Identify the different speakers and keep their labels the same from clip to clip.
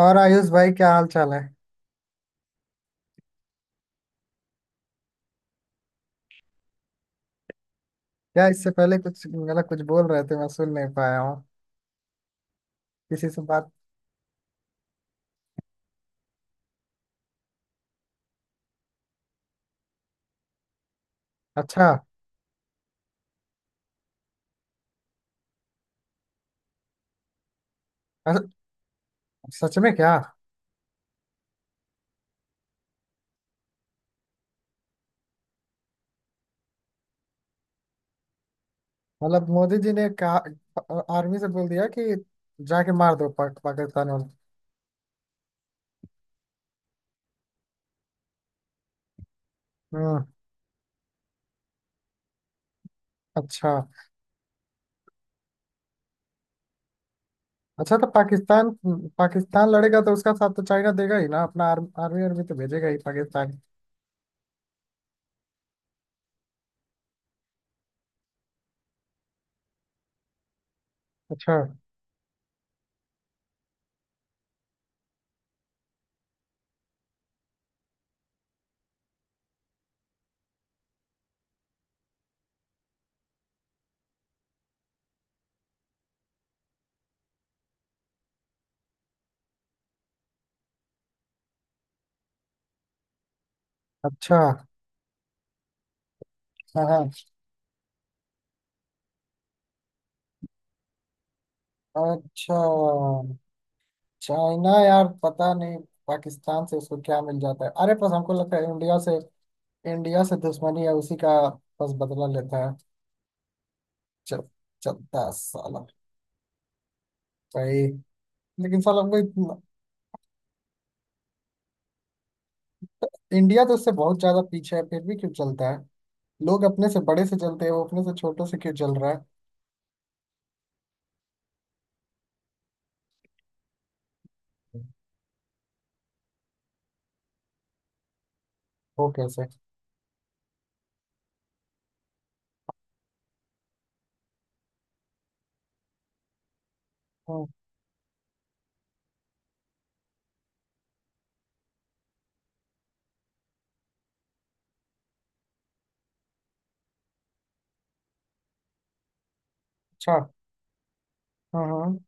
Speaker 1: और आयुष भाई, क्या हाल चाल है? क्या इससे पहले कुछ मतलब कुछ बोल रहे थे? मैं सुन नहीं पाया हूँ। किसी से बात। अच्छा। अरे, सच में क्या? मतलब मोदी जी ने कहा। आर्मी से बोल दिया कि जाके मार दो पाकिस्तान वाले। हम्म। अच्छा। अच्छा, तो पाकिस्तान। पाकिस्तान लड़ेगा तो उसका साथ तो चाइना देगा ही ना, अपना आर्मी आर्मी तो भेजेगा ही पाकिस्तान। अच्छा। अच्छा। हाँ, हाँ। अच्छा। चाइना यार पता नहीं। पाकिस्तान से उसको क्या मिल जाता है? अरे, बस हमको लगता है इंडिया से। इंडिया से दुश्मनी है उसी का। बस बदला लेता है। चल। चलता साला भाई। लेकिन साला हमको इतना- इंडिया तो उससे बहुत ज्यादा पीछे है, फिर भी क्यों चलता है? लोग अपने से बड़े से चलते हैं, वो अपने से छोटों से क्यों चल रहा है? वो कैसे? हम्म। अच्छा। हम्म,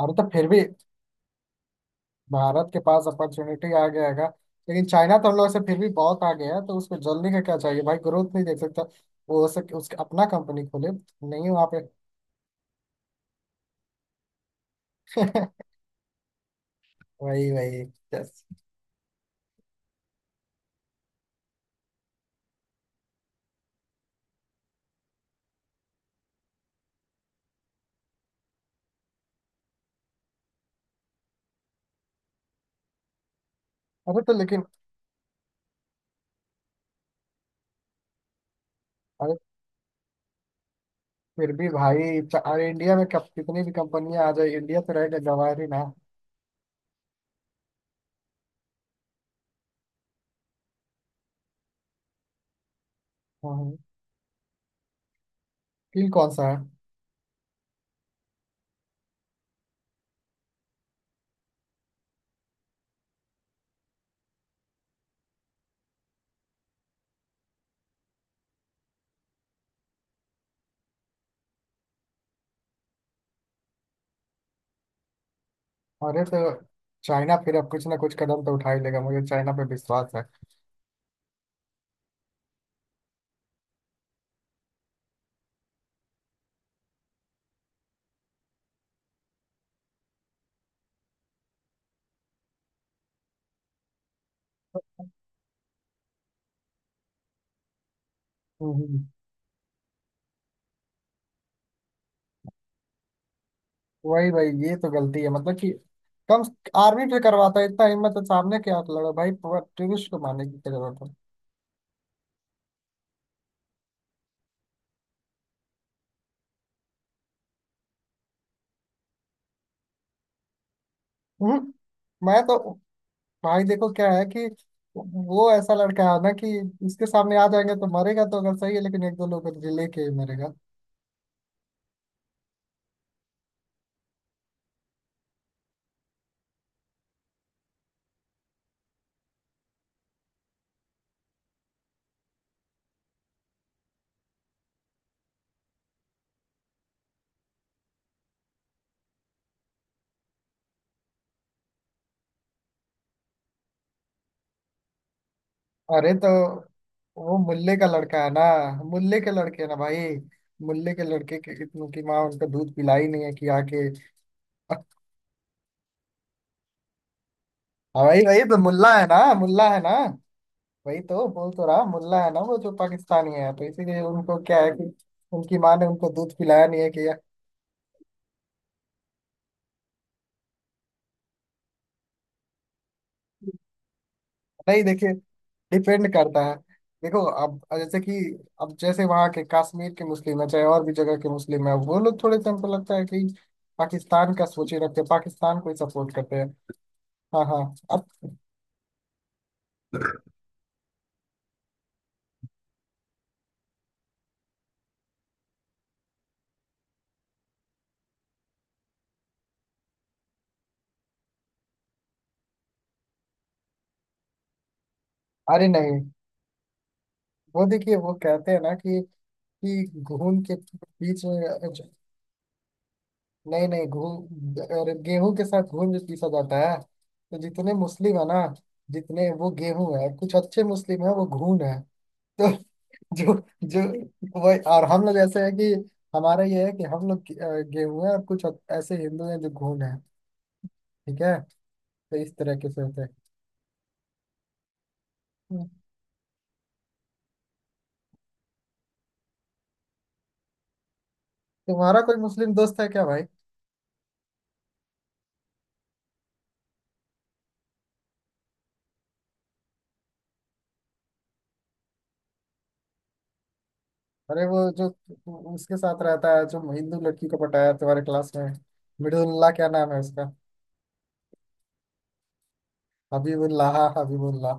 Speaker 1: अरे तो फिर भी भारत के पास अपॉर्चुनिटी आ गया है। लेकिन चाइना तो हम लोग से फिर भी बहुत आगे है, तो उसको जल्दी का क्या चाहिए भाई? ग्रोथ नहीं देख सकता। वो हो सके उसके अपना कंपनी खोले। नहीं वहाँ पे। वही, वही। यस। अरे तो लेकिन। अरे फिर भी भाई अरे इंडिया में कब कितनी भी कंपनियां आ जाए, इंडिया तो रहेगा गंवार ही ना। हाँ। फील कौन सा है? अरे तो चाइना फिर अब कुछ ना कुछ कदम तो उठा ही लेगा। मुझे चाइना पे विश्वास है। हम्म। वही भाई, ये तो गलती है मतलब कि कम आर्मी पे करवाता, इतना हिम्मत है सामने क्या लड़ो भाई। टूरिस्ट को मारने की क्या जरूरत है? हम्म। मैं तो, भाई देखो क्या है कि वो ऐसा लड़का है ना कि इसके सामने आ जाएंगे तो मरेगा तो अगर सही है, लेकिन एक दो लोग को लेके ही मरेगा। अरे तो वो मुल्ले का लड़का है ना। मुल्ले के लड़के ना भाई। मुल्ले के लड़के के इतने की माँ उनका दूध पिलाई नहीं है कि आके हाँ भाई भाई, तो मुल्ला है ना, मुल्ला है ना। वही तो बोल तो रहा, मुल्ला है ना, वो जो पाकिस्तानी है तो इसीलिए उनको क्या है कि उनकी माँ ने उनको दूध पिलाया नहीं है कि नहीं देखिए, डिपेंड करता है। देखो अब जैसे कि अब जैसे वहाँ के कश्मीर के मुस्लिम है, चाहे और भी जगह के मुस्लिम है, वो लोग थोड़े से हमको लगता है कि पाकिस्तान का सोचे रखते हैं, पाकिस्तान को ही सपोर्ट करते हैं। हाँ हाँ। अब। अरे नहीं, वो देखिए वो कहते हैं ना कि घून के बीच में नहीं नहीं, घूम। अरे गेहूं के साथ घून भी पीसा जाता है, तो जितने मुस्लिम है ना, जितने वो गेहूं है कुछ अच्छे मुस्लिम है, वो घून है। तो जो जो वही, और हम लोग ऐसे है कि हमारा ये है कि हम लोग गेहूं है और कुछ ऐसे हिंदू हैं जो घून है। ठीक है। तो इस तरह के से होते हैं। हम्म, तुम्हारा कोई मुस्लिम दोस्त है क्या भाई? अरे वो जो उसके साथ रहता है जो हिंदू लड़की को पटाया तुम्हारे क्लास में मिडुल्ला, क्या नाम है उसका? हबीबुल्लाह, हबीबुल्लाह।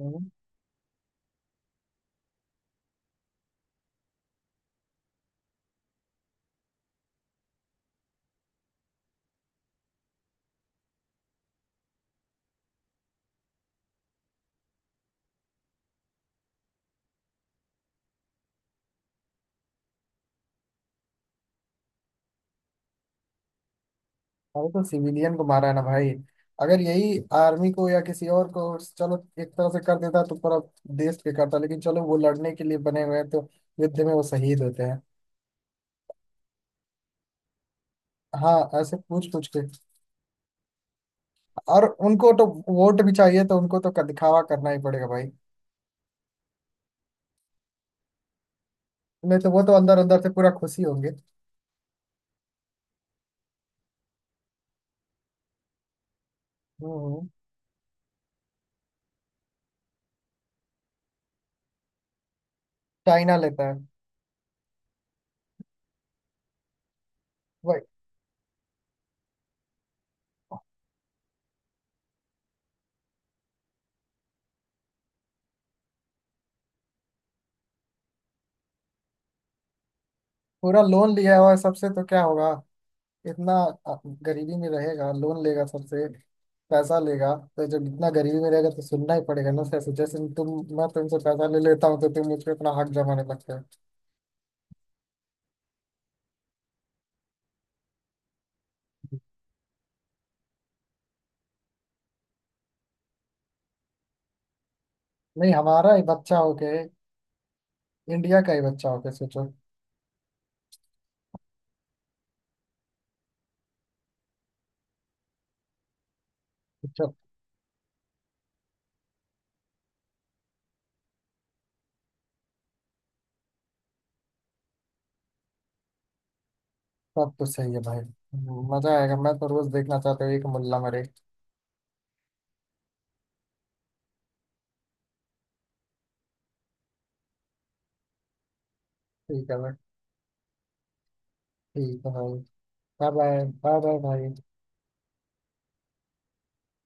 Speaker 1: हम्म। भाई, तो सिविलियन को मारा है ना भाई। अगर यही आर्मी को या किसी और को, चलो, एक तरह से कर देता तो पूरा देश पे करता, लेकिन चलो वो लड़ने के लिए बने हुए हैं तो युद्ध में वो शहीद होते हैं। हाँ, ऐसे पूछ पूछ के। और उनको तो वोट भी चाहिए तो उनको तो दिखावा करना ही पड़ेगा भाई। नहीं तो वो तो अंदर अंदर से पूरा खुशी होंगे। हम्म। चाइना लेता है भाई। पूरा लोन लिया हुआ है सबसे, तो क्या होगा? इतना अ, गरीबी में रहेगा लोन लेगा सबसे। पैसा लेगा तो जब इतना गरीबी में रहेगा तो सुनना ही पड़ेगा ना सर, जैसे तुम, मैं तुमसे पैसा ले लेता हूँ तो तुम मुझ पे अपना हक जमाने लगते हो। नहीं, हमारा ही बच्चा होके, इंडिया का ही बच्चा होके सोचो। अच्छा। सब कुछ सही है भाई। मजा आएगा, मैं तो रोज देखना चाहता हूँ एक मुल्ला मरे। ठीक है भाई। ठीक है भाई। बाय बाय, बाय बाय भाई।